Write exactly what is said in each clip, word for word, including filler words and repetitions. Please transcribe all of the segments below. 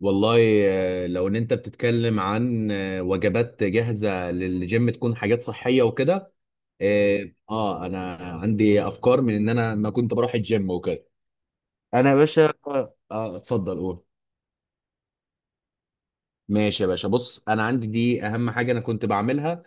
والله. آه، لو ان انت بتتكلم عن آه، وجبات جاهزة للجيم تكون حاجات صحية وكده. اه، آه، انا عندي افكار من ان انا ما كنت بروح الجيم وكده. انا يا باشا. اه اتفضل قول. ماشي يا باشا، بص انا عندي دي اهم حاجة انا كنت بعملها،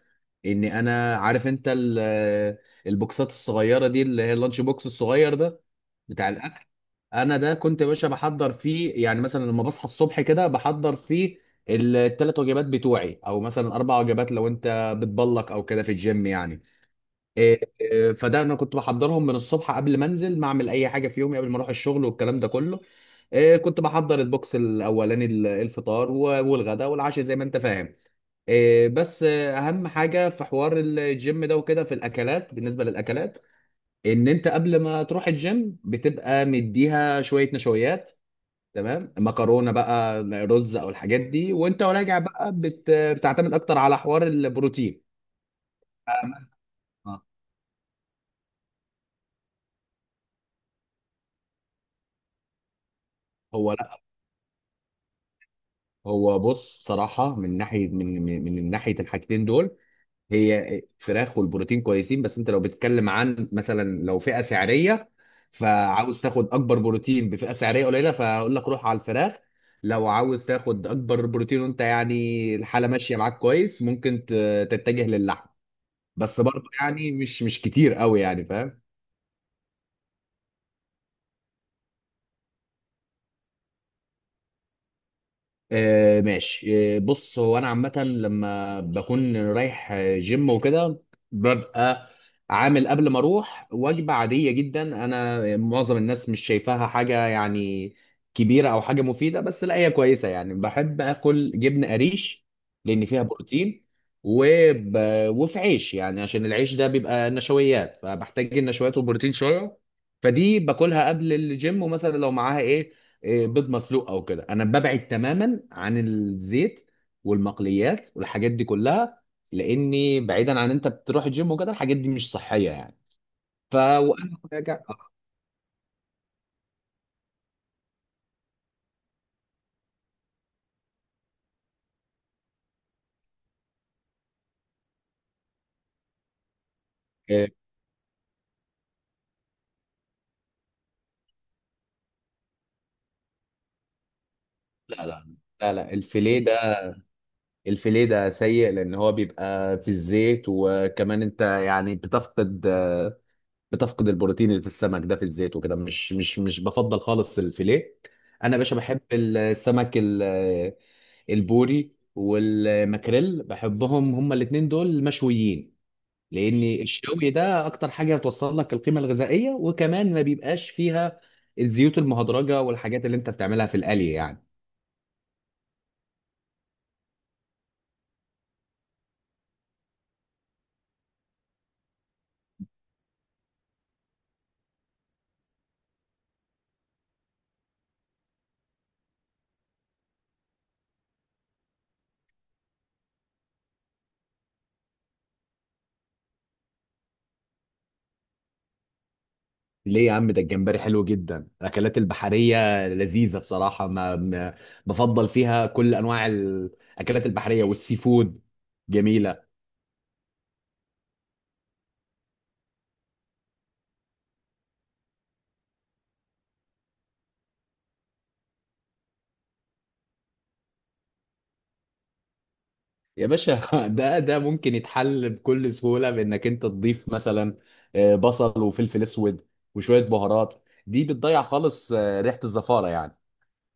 ان انا عارف انت ال- آه، البوكسات الصغيرة دي اللي هي اللانش بوكس الصغير ده بتاع الاكل. انا ده كنت يا باشا بحضر فيه، يعني مثلا لما بصحى الصبح كده بحضر فيه الثلاث وجبات بتوعي، او مثلا اربع وجبات لو انت بتبلك او كده في الجيم يعني. إيه إيه، فده انا كنت بحضرهم من الصبح قبل ما انزل، ما اعمل اي حاجه في يومي قبل ما اروح الشغل والكلام ده كله. إيه كنت بحضر البوكس الاولاني، ال- الفطار و- والغداء والعشاء زي ما انت فاهم. إيه بس آه، اهم حاجه في حوار الجيم ده وكده في الاكلات، بالنسبه للاكلات، ان انت قبل ما تروح الجيم بتبقى مديها شويه نشويات، تمام، مكرونه بقى رز او الحاجات دي، وانت راجع بقى بت... بتعتمد اكتر على حوار البروتين. اه. هو لا، هو بص بصراحه، من ناحيه من من من ناحيه الحاجتين دول هي فراخ والبروتين كويسين، بس انت لو بتتكلم عن مثلا لو فئه سعريه، فعاوز تاخد اكبر بروتين بفئه سعريه قليله، فاقول لك روح على الفراخ. لو عاوز تاخد اكبر بروتين وانت يعني الحاله ماشيه معاك كويس، ممكن ت- تتجه للحم، بس برضه يعني مش مش كتير قوي يعني، فاهم. آه ماشي، آه بص هو انا عامه لما بكون رايح آه، جيم وكده، ببقى عامل قبل ما اروح وجبه عاديه جدا، انا معظم الناس مش شايفاها حاجه يعني كبيره او حاجه مفيده، بس لا هي كويسه، يعني بحب اكل جبن قريش لان فيها بروتين، وب... وفي عيش يعني عشان العيش ده بيبقى نشويات، فبحتاج النشويات والبروتين شويه. فدي باكلها قبل الجيم، ومثلا لو معاها ايه، إيه، بيض مسلوق او كده. انا ببعد تماما عن الزيت والمقليات والحاجات دي كلها، لاني بعيدا عن انت بتروح الجيم وكده الحاجات دي مش صحيه يعني. ف وانا راجع آه، إيه، لا لا. لا لا، الفيليه ده الفيليه ده سيء، لان هو بيبقى في الزيت، وكمان انت يعني بتفقد بتفقد البروتين اللي في السمك ده في الزيت وكده، مش مش مش بفضل خالص الفيليه. انا يا باشا بحب السمك البوري والماكريل، بحبهم هما الاتنين دول مشويين، لان الشوي ده اكتر حاجه بتوصل لك القيمه الغذائيه، وكمان ما بيبقاش فيها الزيوت المهدرجه والحاجات اللي انت بتعملها في القلي يعني. ليه يا عم، ده الجمبري حلو جدا، الاكلات البحريه لذيذه بصراحه، ما ما- بفضل فيها كل انواع الاكلات البحريه والسي فود، جميله. يا باشا ده ده ممكن يتحل بكل سهولة بإنك أنت تضيف مثلا آه، بصل وفلفل أسود وشوية بهارات، دي بتضيع خالص آه، ريحة الزفارة يعني.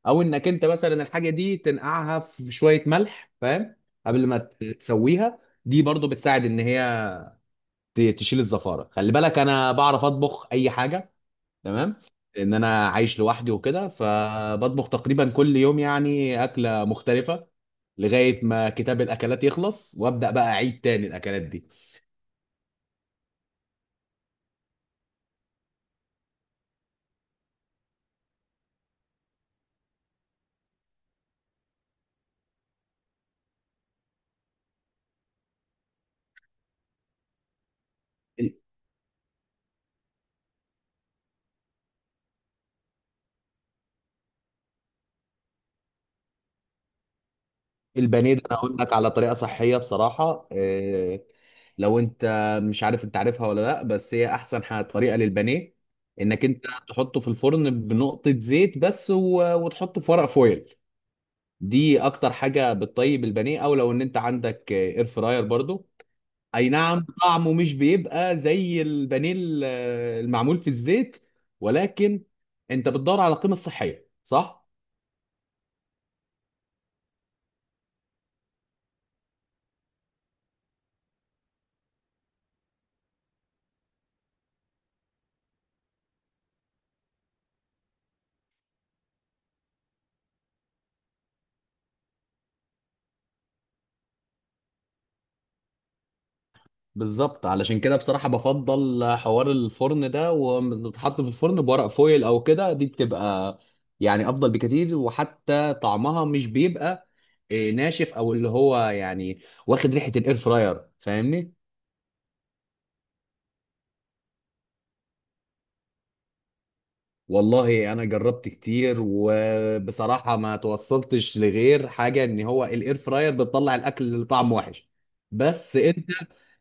أو إنك أنت مثلا الحاجة دي تنقعها في شوية ملح، فاهم، قبل ما ت- تسويها، دي برضو بتساعد إن هي ت- تشيل الزفارة. خلي بالك أنا بعرف أطبخ أي حاجة، تمام، لان انا عايش لوحدي وكده، فبطبخ تقريبا كل يوم يعني اكله مختلفه، لغايه ما كتاب الاكلات يخلص وابدا بقى اعيد تاني الاكلات دي. ال- البانيه ده انا اقول لك على طريقه صحيه بصراحه، إيه، لو انت مش عارف، انت عارفها ولا لا؟ بس هي احسن ح- طريقه للبانيه انك انت تحطه في الفرن بنقطه زيت بس، و- وتحطه في ورق فويل، دي اكتر حاجه بتطيب البانيه. او لو ان انت عندك اير فراير برضو، اي نعم طعمه مش بيبقى زي البانيه ال- المعمول في الزيت، ولكن انت بتدور على القيمه الصحيه، صح؟ بالظبط، علشان كده بصراحه بفضل حوار الفرن ده، وتتحط في الفرن بورق فويل او كده، دي بتبقى يعني افضل بكتير، وحتى طعمها مش بيبقى إيه، ناشف او اللي هو يعني واخد ريحه الاير فراير، فاهمني. والله انا جربت كتير وبصراحه ما توصلتش لغير حاجه ان هو الاير فراير بتطلع الاكل اللي طعمه وحش، بس انت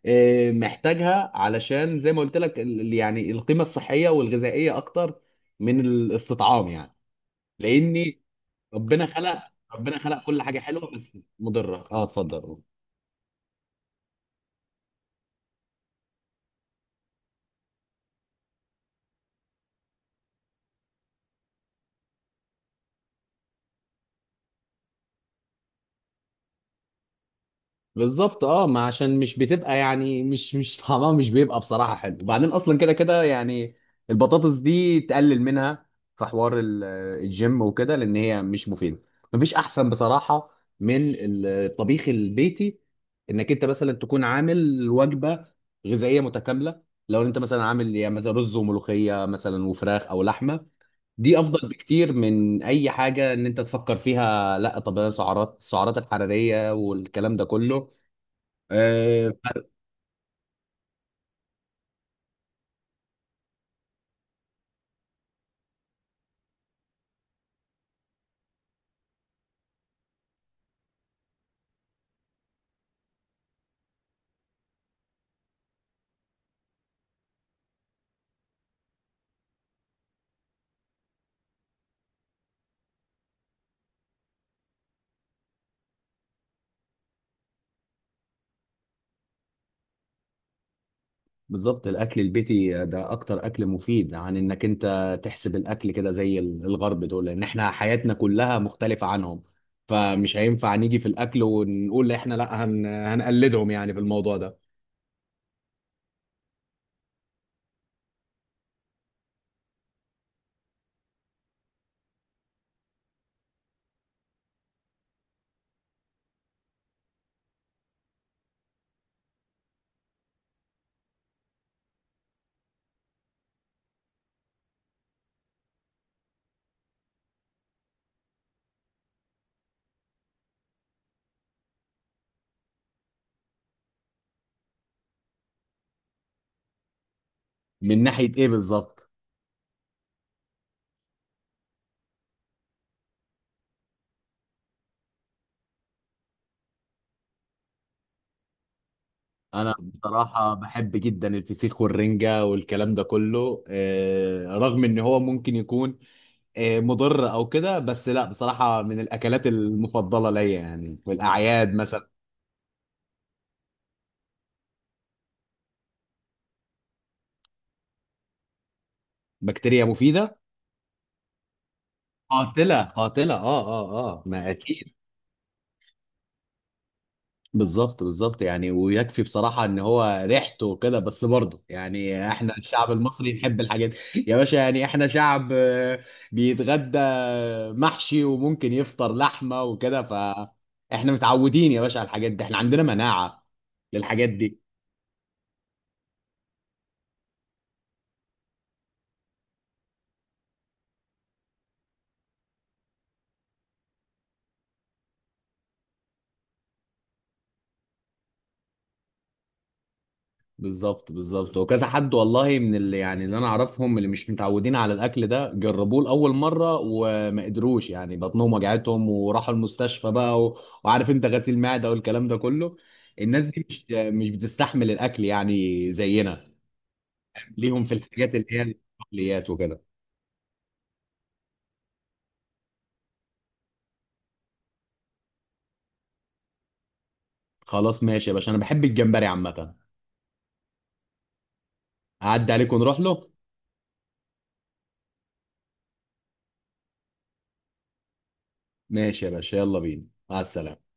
آه، محتاجها علشان زي ما قلت لك ال- يعني القيمه الصحيه والغذائيه اكتر من الاستطعام يعني، لاني ربنا خلق ربنا خلق كل حاجه حلوه بس مضره. اه اتفضل. بالظبط، اه ما عشان مش بتبقى يعني مش مش طعمها مش بيبقى بصراحة حلو، وبعدين اصلا كده كده يعني البطاطس دي تقلل منها في حوار ال- الجيم وكده لان هي مش مفيدة. مفيش احسن بصراحة من الطبيخ البيتي، انك انت مثلا تكون عامل وجبة غذائية متكاملة، لو انت مثلا عامل يعني مثلا رز وملوخية مثلا وفراخ او لحمة، دي افضل بكتير من اي حاجة ان انت تفكر فيها. لا طب أنا سعرات، السعرات الحرارية والكلام ده كله آه، فرق. بالظبط، الاكل البيتي ده اكتر اكل مفيد عن انك انت تحسب الاكل كده زي ال- الغرب دول، لان احنا حياتنا كلها مختلفة عنهم، فمش هينفع نيجي في الاكل ونقول احنا لا هن... هنقلدهم يعني في الموضوع ده. من ناحية ايه بالظبط؟ انا بصراحة بحب جدا الفسيخ والرنجة والكلام ده كله، آه، رغم ان هو ممكن يكون آه، مضر او كده، بس لا بصراحة من الاكلات المفضلة ليا يعني في الاعياد مثلا. بكتيريا مفيدة. قاتلة قاتلة، اه اه اه، ما اكيد. بالظبط بالظبط، يعني ويكفي بصراحة ان هو ريحته وكده، بس برضه يعني احنا الشعب المصري نحب الحاجات يا باشا، يعني احنا شعب آه، بيتغدى محشي وممكن يفطر لحمة وكده، فاحنا متعودين يا باشا على الحاجات دي، احنا عندنا مناعة للحاجات دي. بالظبط بالظبط، وكذا حد والله من اللي يعني اللي انا اعرفهم اللي مش متعودين على الاكل ده جربوه لاول مره وما قدروش، يعني بطنهم وجعتهم وراحوا المستشفى بقى و... وعارف انت غسيل معده والكلام ده كله. الناس دي مش مش بتستحمل الاكل يعني زينا، ليهم في الحاجات اللي هي البقليات وكده. خلاص ماشي يا باشا، انا بحب الجمبري عامه. اعدي عليك ونروح له. ماشي يا باشا، يلا بينا، مع السلامه.